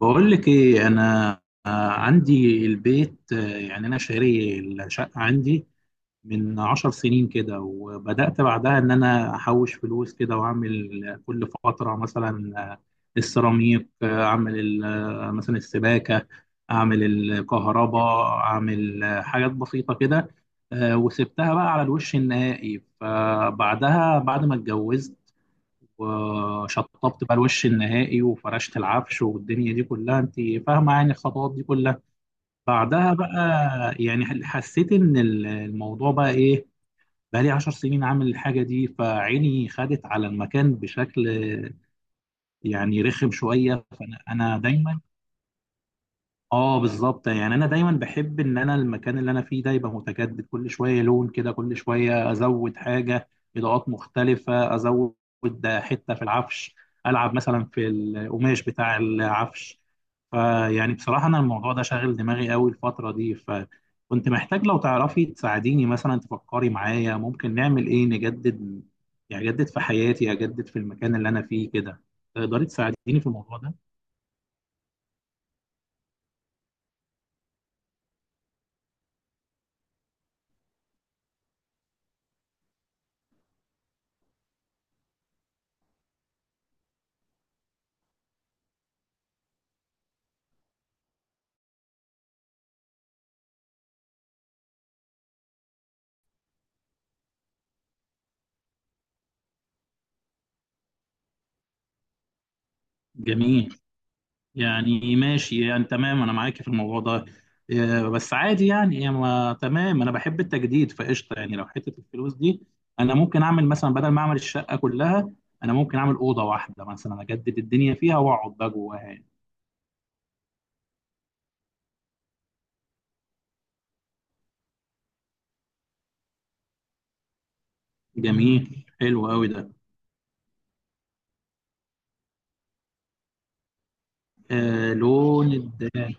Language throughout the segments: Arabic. بقول لك ايه انا. عندي البيت. يعني انا شاري الشقه عندي من 10 سنين كده، وبدات بعدها ان انا احوش فلوس كده، واعمل كل فتره مثلا السيراميك، آه، اعمل ال- آه، مثلا السباكه، اعمل الكهرباء، اعمل حاجات بسيطه كده. وسبتها بقى على الوش النهائي، فبعدها بعد ما اتجوزت وشطبت بقى الوش النهائي وفرشت العفش والدنيا دي كلها، انت فاهمه يعني الخطوات دي كلها. بعدها بقى يعني حسيت ان الموضوع بقى ايه، بقى لي 10 سنين عامل الحاجه دي، فعيني خدت على المكان بشكل يعني رخم شويه، فانا دايما. اه بالظبط، يعني انا دايما بحب ان انا المكان اللي انا فيه ده يبقى متجدد، كل شويه لون كده، كل شويه ازود حاجه، اضاءات مختلفه ازود، حته في العفش، العب مثلا في القماش بتاع العفش. فيعني بصراحه انا الموضوع ده شاغل دماغي قوي الفتره دي، فكنت محتاج لو تعرفي تساعديني، مثلا تفكري معايا ممكن نعمل ايه نجدد، يعني اجدد في حياتي، اجدد في المكان اللي انا فيه كده. تقدري تساعديني في الموضوع ده؟ جميل، يعني ماشي، يعني تمام، انا معاك في الموضوع ده. بس عادي يعني، ما تمام، انا بحب التجديد فقشطه، يعني لو حته الفلوس دي انا ممكن اعمل مثلا، بدل ما اعمل الشقه كلها، انا ممكن اعمل اوضه واحده مثلا، اجدد الدنيا فيها واقعد بقى جواها يعني. جميل، حلو قوي ده. آه، لون الدنيا.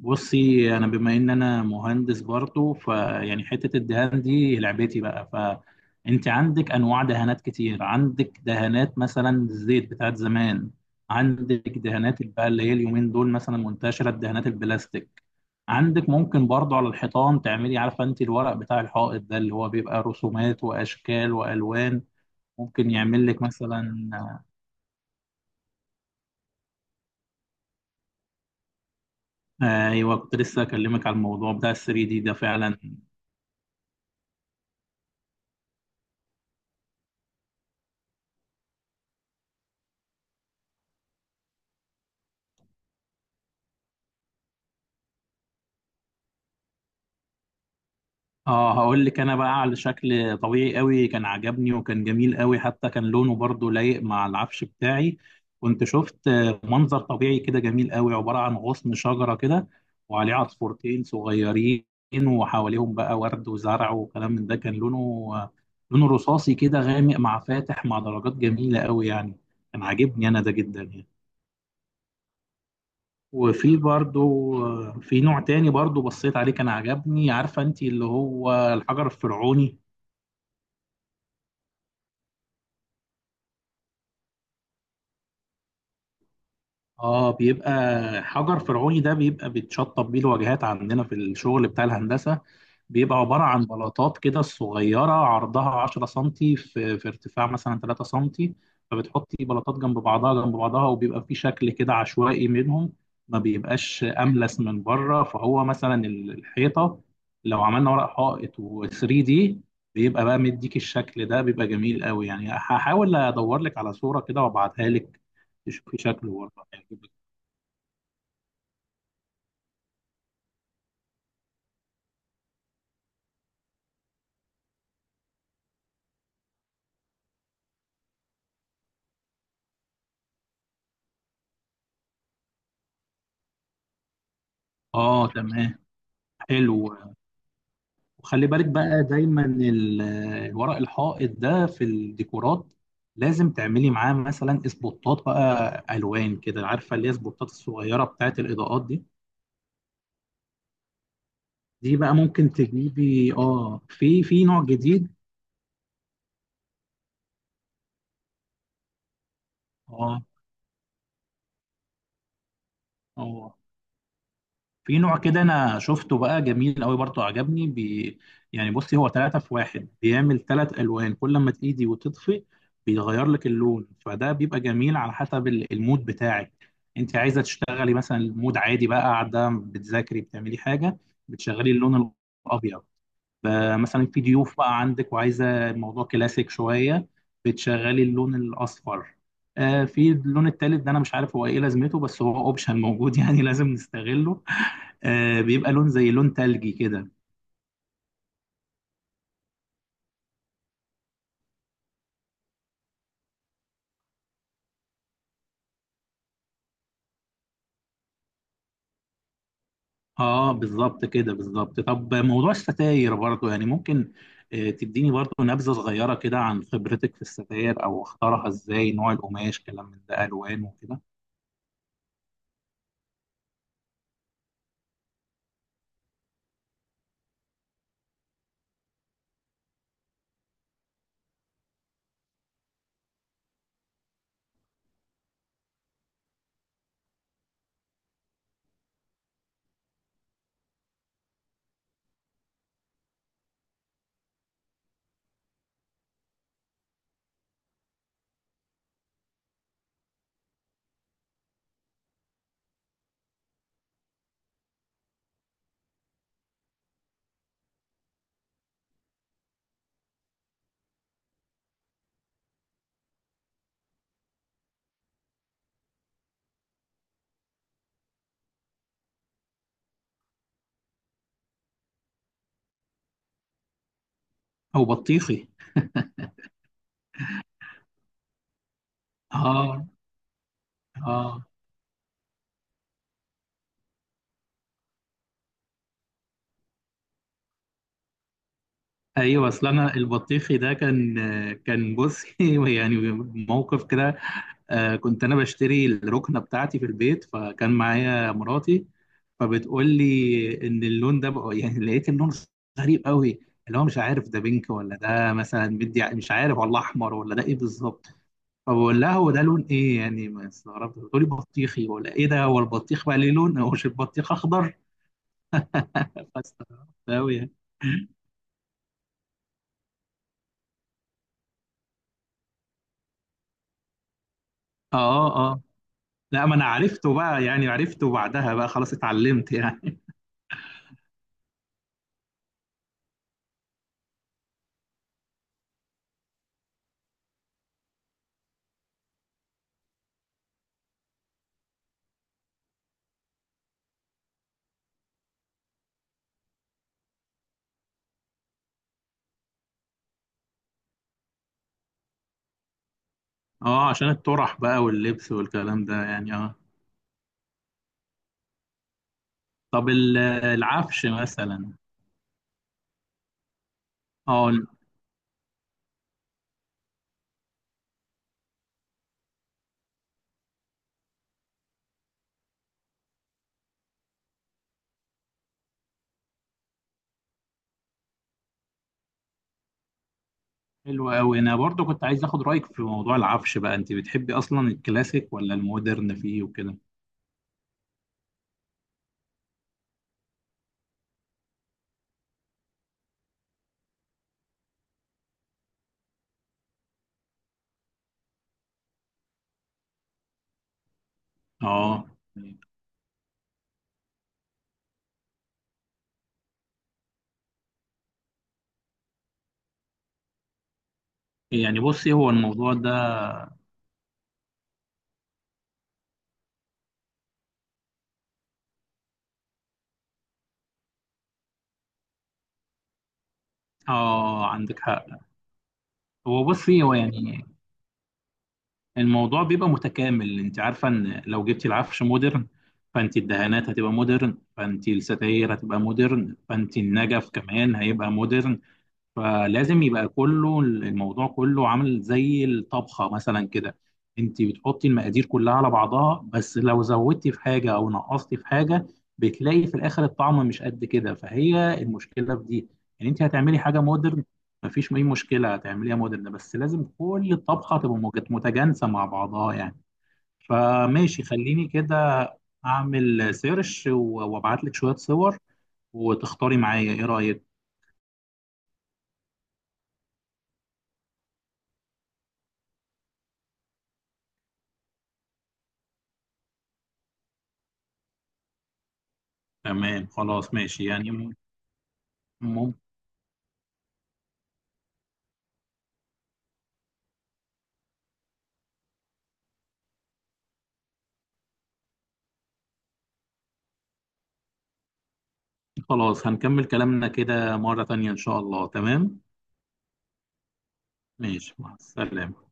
بصي انا بما ان انا مهندس برضه، فيعني حته الدهان دي لعبتي بقى، فانت عندك انواع دهانات كتير، عندك دهانات مثلا الزيت بتاعت زمان، عندك دهانات بقى اللي هي اليومين دول مثلا منتشره، الدهانات البلاستيك. عندك ممكن برضه على الحيطان تعملي، عارفه انت الورق بتاع الحائط ده اللي هو بيبقى رسومات واشكال والوان، ممكن يعمل لك مثلا. آه، ايوه، كنت لسه اكلمك على الموضوع بتاع ال 3 دي ده فعلا. اه، هقول لك انا بقى، على شكل طبيعي قوي كان عجبني، وكان جميل قوي، حتى كان لونه برضو لايق مع العفش بتاعي. كنت شفت منظر طبيعي كده جميل قوي، عبارة عن غصن شجرة كده، وعليه عصفورتين صغيرين، وحواليهم بقى ورد وزرع وكلام من ده، كان لونه لونه رصاصي كده، غامق مع فاتح، مع درجات جميلة قوي يعني، كان عاجبني انا ده جدا يعني. وفي برضو في نوع تاني برضو بصيت عليه كان عجبني، عارفة انت اللي هو الحجر الفرعوني. اه، بيبقى حجر فرعوني ده، بيبقى بيتشطب بيه الواجهات عندنا في الشغل بتاع الهندسة، بيبقى عبارة عن بلاطات كده صغيرة عرضها 10 سنتي في ارتفاع مثلا 3 سنتي، فبتحطي بلاطات جنب بعضها جنب بعضها، وبيبقى في شكل كده عشوائي منهم، ما بيبقاش أملس من بره، فهو مثلا الحيطة لو عملنا ورق حائط و3 دي، بيبقى بقى مديك، الشكل ده بيبقى جميل قوي يعني، هحاول ادور لك على صورة كده وابعتها لك تشوفي شكله برضه. اه تمام، حلو. وخلي بالك بقى دايما الورق الحائط ده في الديكورات، لازم تعملي معاه مثلا اسبوتات بقى الوان كده، عارفه اللي هي اسبوتات الصغيره بتاعت الاضاءات دي. دي بقى ممكن تجيبي، اه، في نوع جديد. اه، اه، في نوع كده انا شفته بقى جميل قوي برضه، عجبني بي، يعني بصي هو 3 في 1، بيعمل 3 الوان، كل ما تأيدي وتطفي بيغير لك اللون، فده بيبقى جميل على حسب المود بتاعك. انت عايزة تشتغلي مثلا، المود عادي بقى، قاعدة بتذاكري بتعملي حاجة، بتشغلي اللون الابيض. ب- مثلا في ضيوف بقى عندك، وعايزة الموضوع كلاسيك شوية، بتشغلي اللون الاصفر. في اللون التالت ده انا مش عارف هو ايه لازمته، بس هو اوبشن موجود يعني لازم نستغله. بيبقى لون زي لون تلجي كده. اه، بالظبط كده، بالظبط. طب موضوع الستاير برضو يعني ممكن تديني برضو نبذة صغيرة كده عن خبرتك في الستاير، او اختارها ازاي، نوع القماش، كلام من ده، الوان وكده. او بطيخي. اه، اه، ايوه، اصل انا البطيخي ده كان، بصي يعني، موقف كده. كنت انا بشتري الركنه بتاعتي في البيت، فكان معايا مراتي، فبتقول لي ان اللون ده بقى يعني، لقيت اللون غريب قوي، اللي هو مش عارف ده بينك، ولا ده مثلا مدي، مش عارف، ولا احمر، ولا ده ايه بالظبط، فبقول لها هو ده لون ايه يعني؟ ما استغربت، بتقول لي بطيخي، ولا ايه ده؟ هو البطيخ بقى ليه لون؟ هو مش البطيخ اخضر؟ فاستغربت قوي، اه. اه. آه. لا، ما انا عرفته بقى يعني، عرفته بعدها بقى، خلاص اتعلمت يعني اه، عشان الطرح بقى واللبس والكلام ده يعني، اه. طب العفش مثلا. اه، حلو قوي، انا برضو كنت عايز اخد رايك في موضوع العفش بقى، انت بتحبي اصلا الكلاسيك ولا المودرن فيه وكده؟ اه، يعني بصي هو الموضوع ده. اه عندك حق. هو بصي هو يعني، الموضوع بيبقى متكامل، انت عارفه ان لو جبتي العفش مودرن، فانت الدهانات هتبقى مودرن، فانت الستاير هتبقى مودرن، فانت النجف كمان هيبقى مودرن. فلازم يبقى كله، الموضوع كله عامل زي الطبخة مثلا كده، انت بتحطي المقادير كلها على بعضها، بس لو زودتي في حاجة او نقصتي في حاجة، بتلاقي في الاخر الطعم مش قد كده، فهي المشكلة في دي. يعني انت هتعملي حاجة مودرن، مفيش اي مشكلة، هتعمليها مودرن، بس لازم كل الطبخة تبقى متجانسة مع بعضها يعني. فماشي، خليني كده اعمل سيرش وابعت لك شوية صور، وتختاري معايا، ايه رأيك؟ تمام، خلاص ماشي يعني. ممكن. خلاص، هنكمل كلامنا كده مرة تانية إن شاء الله، تمام. ماشي، مع السلامة.